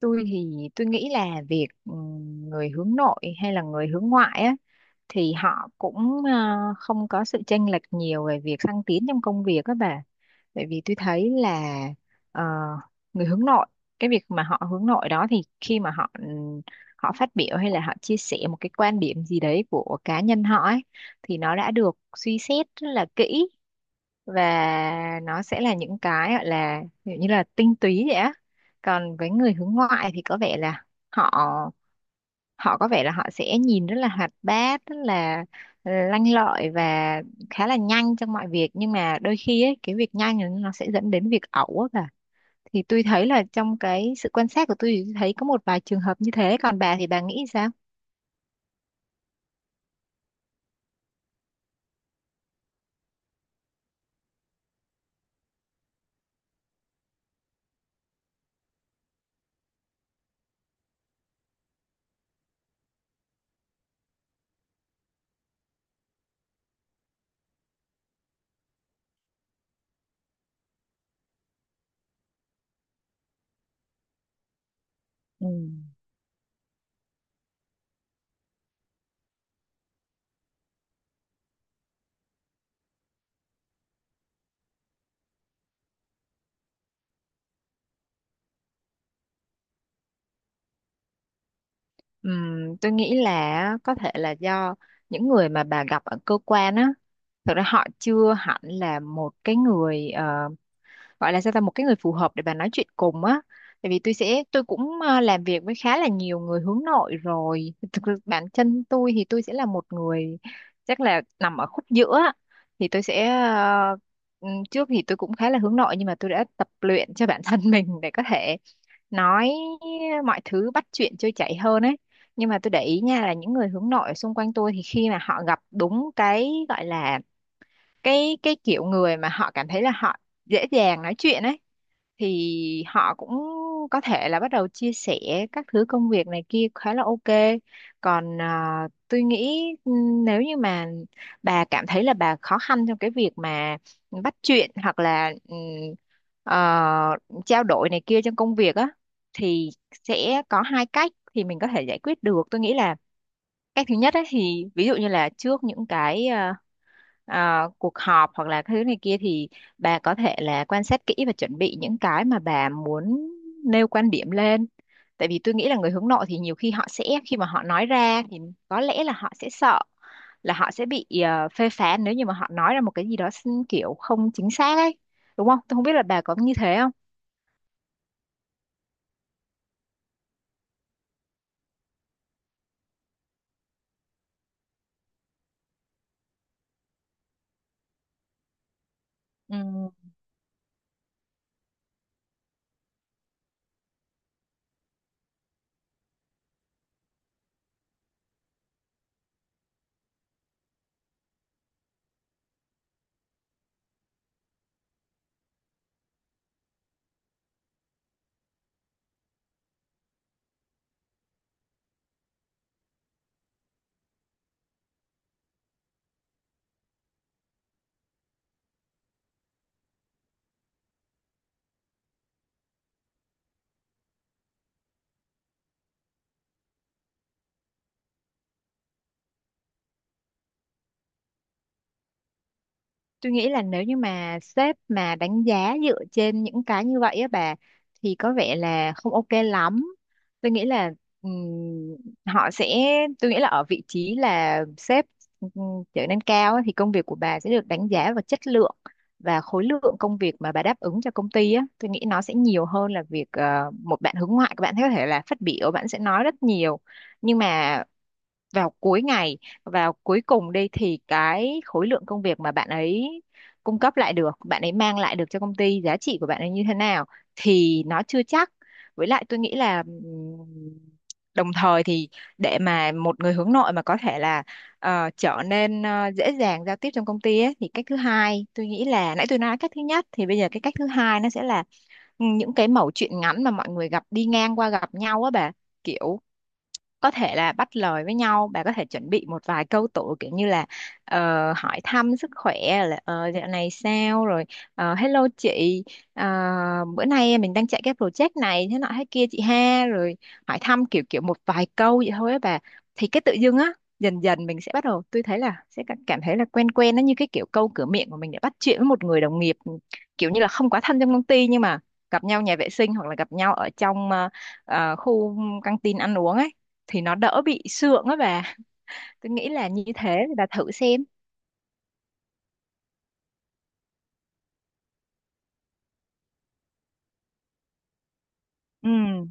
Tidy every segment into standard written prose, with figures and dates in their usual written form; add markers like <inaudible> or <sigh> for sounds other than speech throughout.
Tôi thì tôi nghĩ là việc người hướng nội hay là người hướng ngoại á thì họ cũng không có sự chênh lệch nhiều về việc thăng tiến trong công việc các bà, bởi vì tôi thấy là ờ, người hướng nội, cái việc mà họ hướng nội đó thì khi mà họ họ phát biểu hay là họ chia sẻ một cái quan điểm gì đấy của cá nhân họ ấy thì nó đã được suy xét rất là kỹ, và nó sẽ là những cái gọi là ví dụ như là tinh túy vậy á. Còn với người hướng ngoại thì có vẻ là họ họ có vẻ là họ sẽ nhìn rất là hoạt bát, rất là lanh lợi và khá là nhanh trong mọi việc, nhưng mà đôi khi ấy, cái việc nhanh này nó sẽ dẫn đến việc ẩu á bà. Thì tôi thấy là trong cái sự quan sát của tôi thì tôi thấy có một vài trường hợp như thế, còn bà thì bà nghĩ sao? Ừ. Tôi nghĩ là có thể là do những người mà bà gặp ở cơ quan á, thực ra họ chưa hẳn là một cái người gọi là sao ta, một cái người phù hợp để bà nói chuyện cùng á. Tại vì tôi sẽ tôi cũng làm việc với khá là nhiều người hướng nội rồi, thực ra bản chân tôi thì tôi sẽ là một người chắc là nằm ở khúc giữa á. Thì tôi sẽ trước thì tôi cũng khá là hướng nội, nhưng mà tôi đã tập luyện cho bản thân <laughs> mình để có thể nói mọi thứ, bắt chuyện trôi chảy hơn ấy. Nhưng mà tôi để ý nha là những người hướng nội xung quanh tôi thì khi mà họ gặp đúng cái gọi là cái kiểu người mà họ cảm thấy là họ dễ dàng nói chuyện ấy thì họ cũng có thể là bắt đầu chia sẻ các thứ công việc này kia khá là ok. Còn tôi nghĩ nếu như mà bà cảm thấy là bà khó khăn trong cái việc mà bắt chuyện hoặc là ờ, trao đổi này kia trong công việc á thì sẽ có hai cách thì mình có thể giải quyết được. Tôi nghĩ là cách thứ nhất ấy, thì ví dụ như là trước những cái cuộc họp hoặc là thứ này kia thì bà có thể là quan sát kỹ và chuẩn bị những cái mà bà muốn nêu quan điểm lên. Tại vì tôi nghĩ là người hướng nội thì nhiều khi họ sẽ khi mà họ nói ra thì có lẽ là họ sẽ sợ là họ sẽ bị phê phán nếu như mà họ nói ra một cái gì đó kiểu không chính xác ấy. Đúng không? Tôi không biết là bà có như thế không? Ừ. Tôi nghĩ là nếu như mà sếp mà đánh giá dựa trên những cái như vậy á bà thì có vẻ là không ok lắm. Tôi nghĩ là ừm, họ sẽ tôi nghĩ là ở vị trí là sếp ừm, trở nên cao á, thì công việc của bà sẽ được đánh giá vào chất lượng và khối lượng công việc mà bà đáp ứng cho công ty á. Tôi nghĩ nó sẽ nhiều hơn là việc một bạn hướng ngoại các bạn có thể là phát biểu, bạn sẽ nói rất nhiều, nhưng mà vào cuối ngày, vào cuối cùng đi thì cái khối lượng công việc mà bạn ấy cung cấp lại được, bạn ấy mang lại được cho công ty, giá trị của bạn ấy như thế nào thì nó chưa chắc. Với lại tôi nghĩ là đồng thời thì để mà một người hướng nội mà có thể là trở nên dễ dàng giao tiếp trong công ty ấy, thì cách thứ hai tôi nghĩ là nãy tôi nói cách thứ nhất thì bây giờ cái cách thứ hai nó sẽ là những cái mẩu chuyện ngắn mà mọi người gặp đi ngang qua gặp nhau á bà, kiểu có thể là bắt lời với nhau. Bà có thể chuẩn bị một vài câu tụ kiểu như là ờ, hỏi thăm sức khỏe, là dạo này sao rồi, hello chị, ờ, bữa nay mình đang chạy cái project này thế nọ thế kia chị ha, rồi hỏi thăm kiểu kiểu một vài câu vậy thôi á bà. Thì cái tự dưng á dần dần mình sẽ bắt đầu, tôi thấy là sẽ cảm cảm thấy là quen quen nó như cái kiểu câu cửa miệng của mình để bắt chuyện với một người đồng nghiệp kiểu như là không quá thân trong công ty, nhưng mà gặp nhau nhà vệ sinh hoặc là gặp nhau ở trong khu căng tin ăn uống ấy thì nó đỡ bị sượng á bà. Tôi nghĩ là như thế thì bà thử xem. Ừ.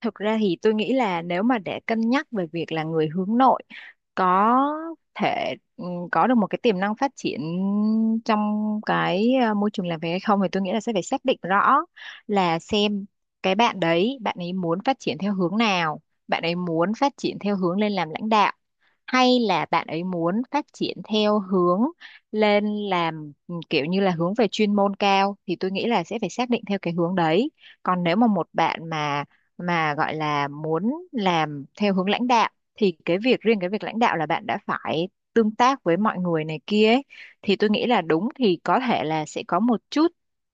Thực ra thì tôi nghĩ là nếu mà để cân nhắc về việc là người hướng nội có thể có được một cái tiềm năng phát triển trong cái môi trường làm việc hay không thì tôi nghĩ là sẽ phải xác định rõ là xem cái bạn đấy, bạn ấy muốn phát triển theo hướng nào, bạn ấy muốn phát triển theo hướng lên làm lãnh đạo hay là bạn ấy muốn phát triển theo hướng lên làm kiểu như là hướng về chuyên môn cao, thì tôi nghĩ là sẽ phải xác định theo cái hướng đấy. Còn nếu mà một bạn mà gọi là muốn làm theo hướng lãnh đạo thì cái việc riêng, cái việc lãnh đạo là bạn đã phải tương tác với mọi người này kia ấy. Thì tôi nghĩ là đúng thì có thể là sẽ có một chút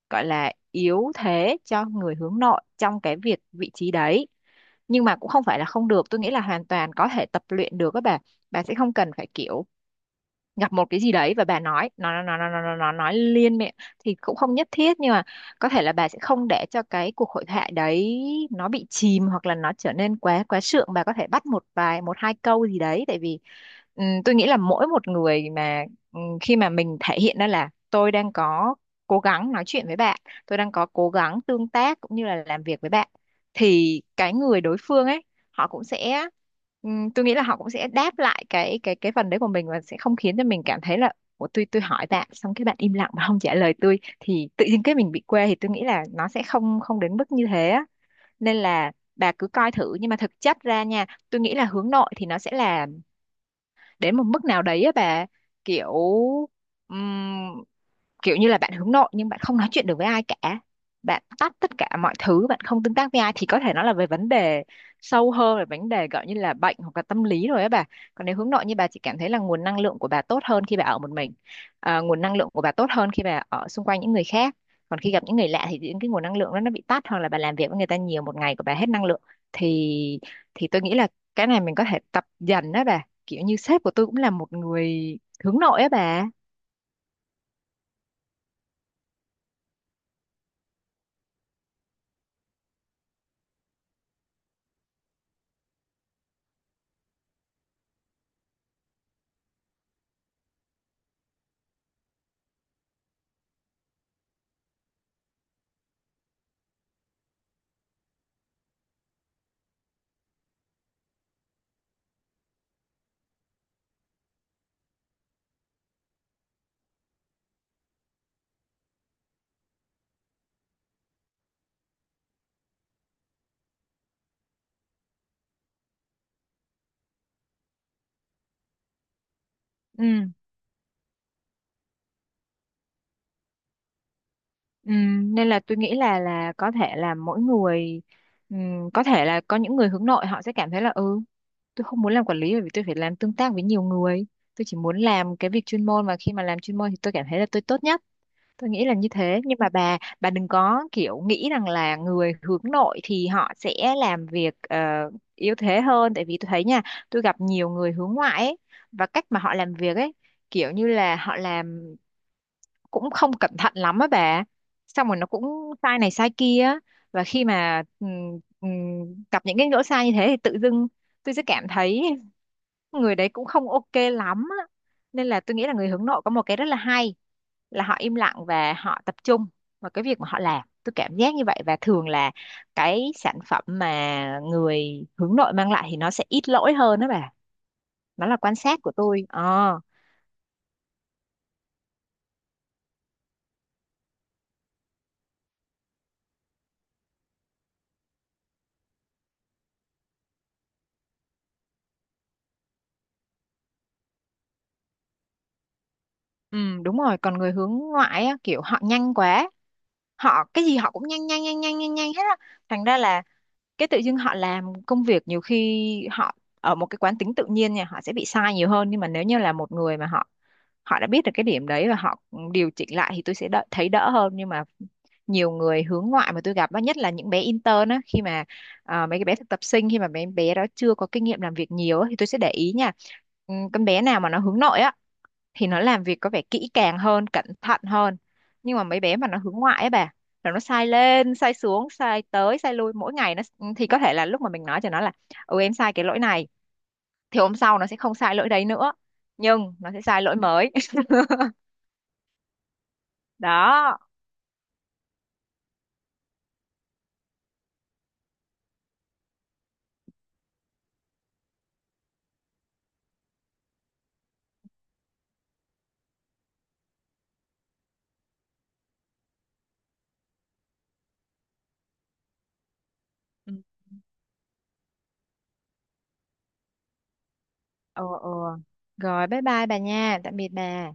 gọi là yếu thế cho người hướng nội trong cái việc vị trí đấy, nhưng mà cũng không phải là không được, tôi nghĩ là hoàn toàn có thể tập luyện được các bạn. Bà sẽ không cần phải kiểu gặp một cái gì đấy và bà nói nó nói liên miệng thì cũng không nhất thiết, nhưng mà có thể là bà sẽ không để cho cái cuộc hội thoại đấy nó bị chìm hoặc là nó trở nên quá quá sượng, bà có thể bắt một vài, một hai câu gì đấy, tại vì tôi nghĩ là mỗi một người mà khi mà mình thể hiện ra là tôi đang có cố gắng nói chuyện với bạn, tôi đang có cố gắng tương tác cũng như là làm việc với bạn thì cái người đối phương ấy họ cũng sẽ tôi nghĩ là họ cũng sẽ đáp lại cái phần đấy của mình, và sẽ không khiến cho mình cảm thấy là Ủa, tôi hỏi bạn xong cái bạn im lặng mà không trả lời tôi thì tự nhiên cái mình bị quê. Thì tôi nghĩ là nó sẽ không không đến mức như thế á. Nên là bà cứ coi thử, nhưng mà thực chất ra nha, tôi nghĩ là hướng nội thì nó sẽ là đến một mức nào đấy á bà, kiểu kiểu như là bạn hướng nội nhưng bạn không nói chuyện được với ai cả, bạn tắt tất cả mọi thứ, bạn không tương tác với ai thì có thể nó là về vấn đề sâu hơn, về vấn đề gọi như là bệnh hoặc là tâm lý rồi á bà. Còn nếu hướng nội như bà chỉ cảm thấy là nguồn năng lượng của bà tốt hơn khi bà ở một mình, nguồn năng lượng của bà tốt hơn khi bà ở xung quanh những người khác, còn khi gặp những người lạ thì những cái nguồn năng lượng đó nó bị tắt, hoặc là bà làm việc với người ta nhiều, một ngày của bà hết năng lượng, thì thì tôi nghĩ là cái này mình có thể tập dần đó bà, kiểu như sếp của tôi cũng là một người hướng nội á bà. Ừ. Nên là tôi nghĩ là có thể là mỗi người có thể là có những người hướng nội họ sẽ cảm thấy là ừ, tôi không muốn làm quản lý bởi vì tôi phải làm tương tác với nhiều người, tôi chỉ muốn làm cái việc chuyên môn và khi mà làm chuyên môn thì tôi cảm thấy là tôi tốt nhất. Tôi nghĩ là như thế, nhưng mà bà đừng có kiểu nghĩ rằng là người hướng nội thì họ sẽ làm việc yếu thế hơn, tại vì tôi thấy nha, tôi gặp nhiều người hướng ngoại ấy, và cách mà họ làm việc ấy kiểu như là họ làm cũng không cẩn thận lắm á bà, xong rồi nó cũng sai này sai kia á. Và khi mà gặp những cái lỗi sai như thế thì tự dưng tôi sẽ cảm thấy người đấy cũng không ok lắm á. Nên là tôi nghĩ là người hướng nội có một cái rất là hay là họ im lặng và họ tập trung vào cái việc mà họ làm, tôi cảm giác như vậy. Và thường là cái sản phẩm mà người hướng nội mang lại thì nó sẽ ít lỗi hơn đó bà. Đó là quan sát của tôi. Ờ. Ừ, đúng rồi, còn người hướng ngoại á, kiểu họ nhanh quá, họ cái gì họ cũng nhanh nhanh nhanh nhanh nhanh nhanh hết á. Thành ra là cái tự dưng họ làm công việc nhiều khi họ ở một cái quán tính tự nhiên nha, họ sẽ bị sai nhiều hơn, nhưng mà nếu như là một người mà họ họ đã biết được cái điểm đấy và họ điều chỉnh lại thì tôi sẽ đỡ, thấy đỡ hơn. Nhưng mà nhiều người hướng ngoại mà tôi gặp á, nhất là những bé intern á, khi mà mấy cái bé thực tập sinh khi mà mấy bé đó chưa có kinh nghiệm làm việc nhiều á, thì tôi sẽ để ý nha. Ừ, con bé nào mà nó hướng nội á thì nó làm việc có vẻ kỹ càng hơn, cẩn thận hơn, nhưng mà mấy bé mà nó hướng ngoại ấy bà, là nó sai lên sai xuống, sai tới sai lui mỗi ngày. Nó thì có thể là lúc mà mình nói cho nó là ừ em sai cái lỗi này thì hôm sau nó sẽ không sai lỗi đấy nữa, nhưng nó sẽ sai lỗi mới. <laughs> Đó. Ừ. Ờ, ờ, rồi bye bye bà nha, tạm biệt bà.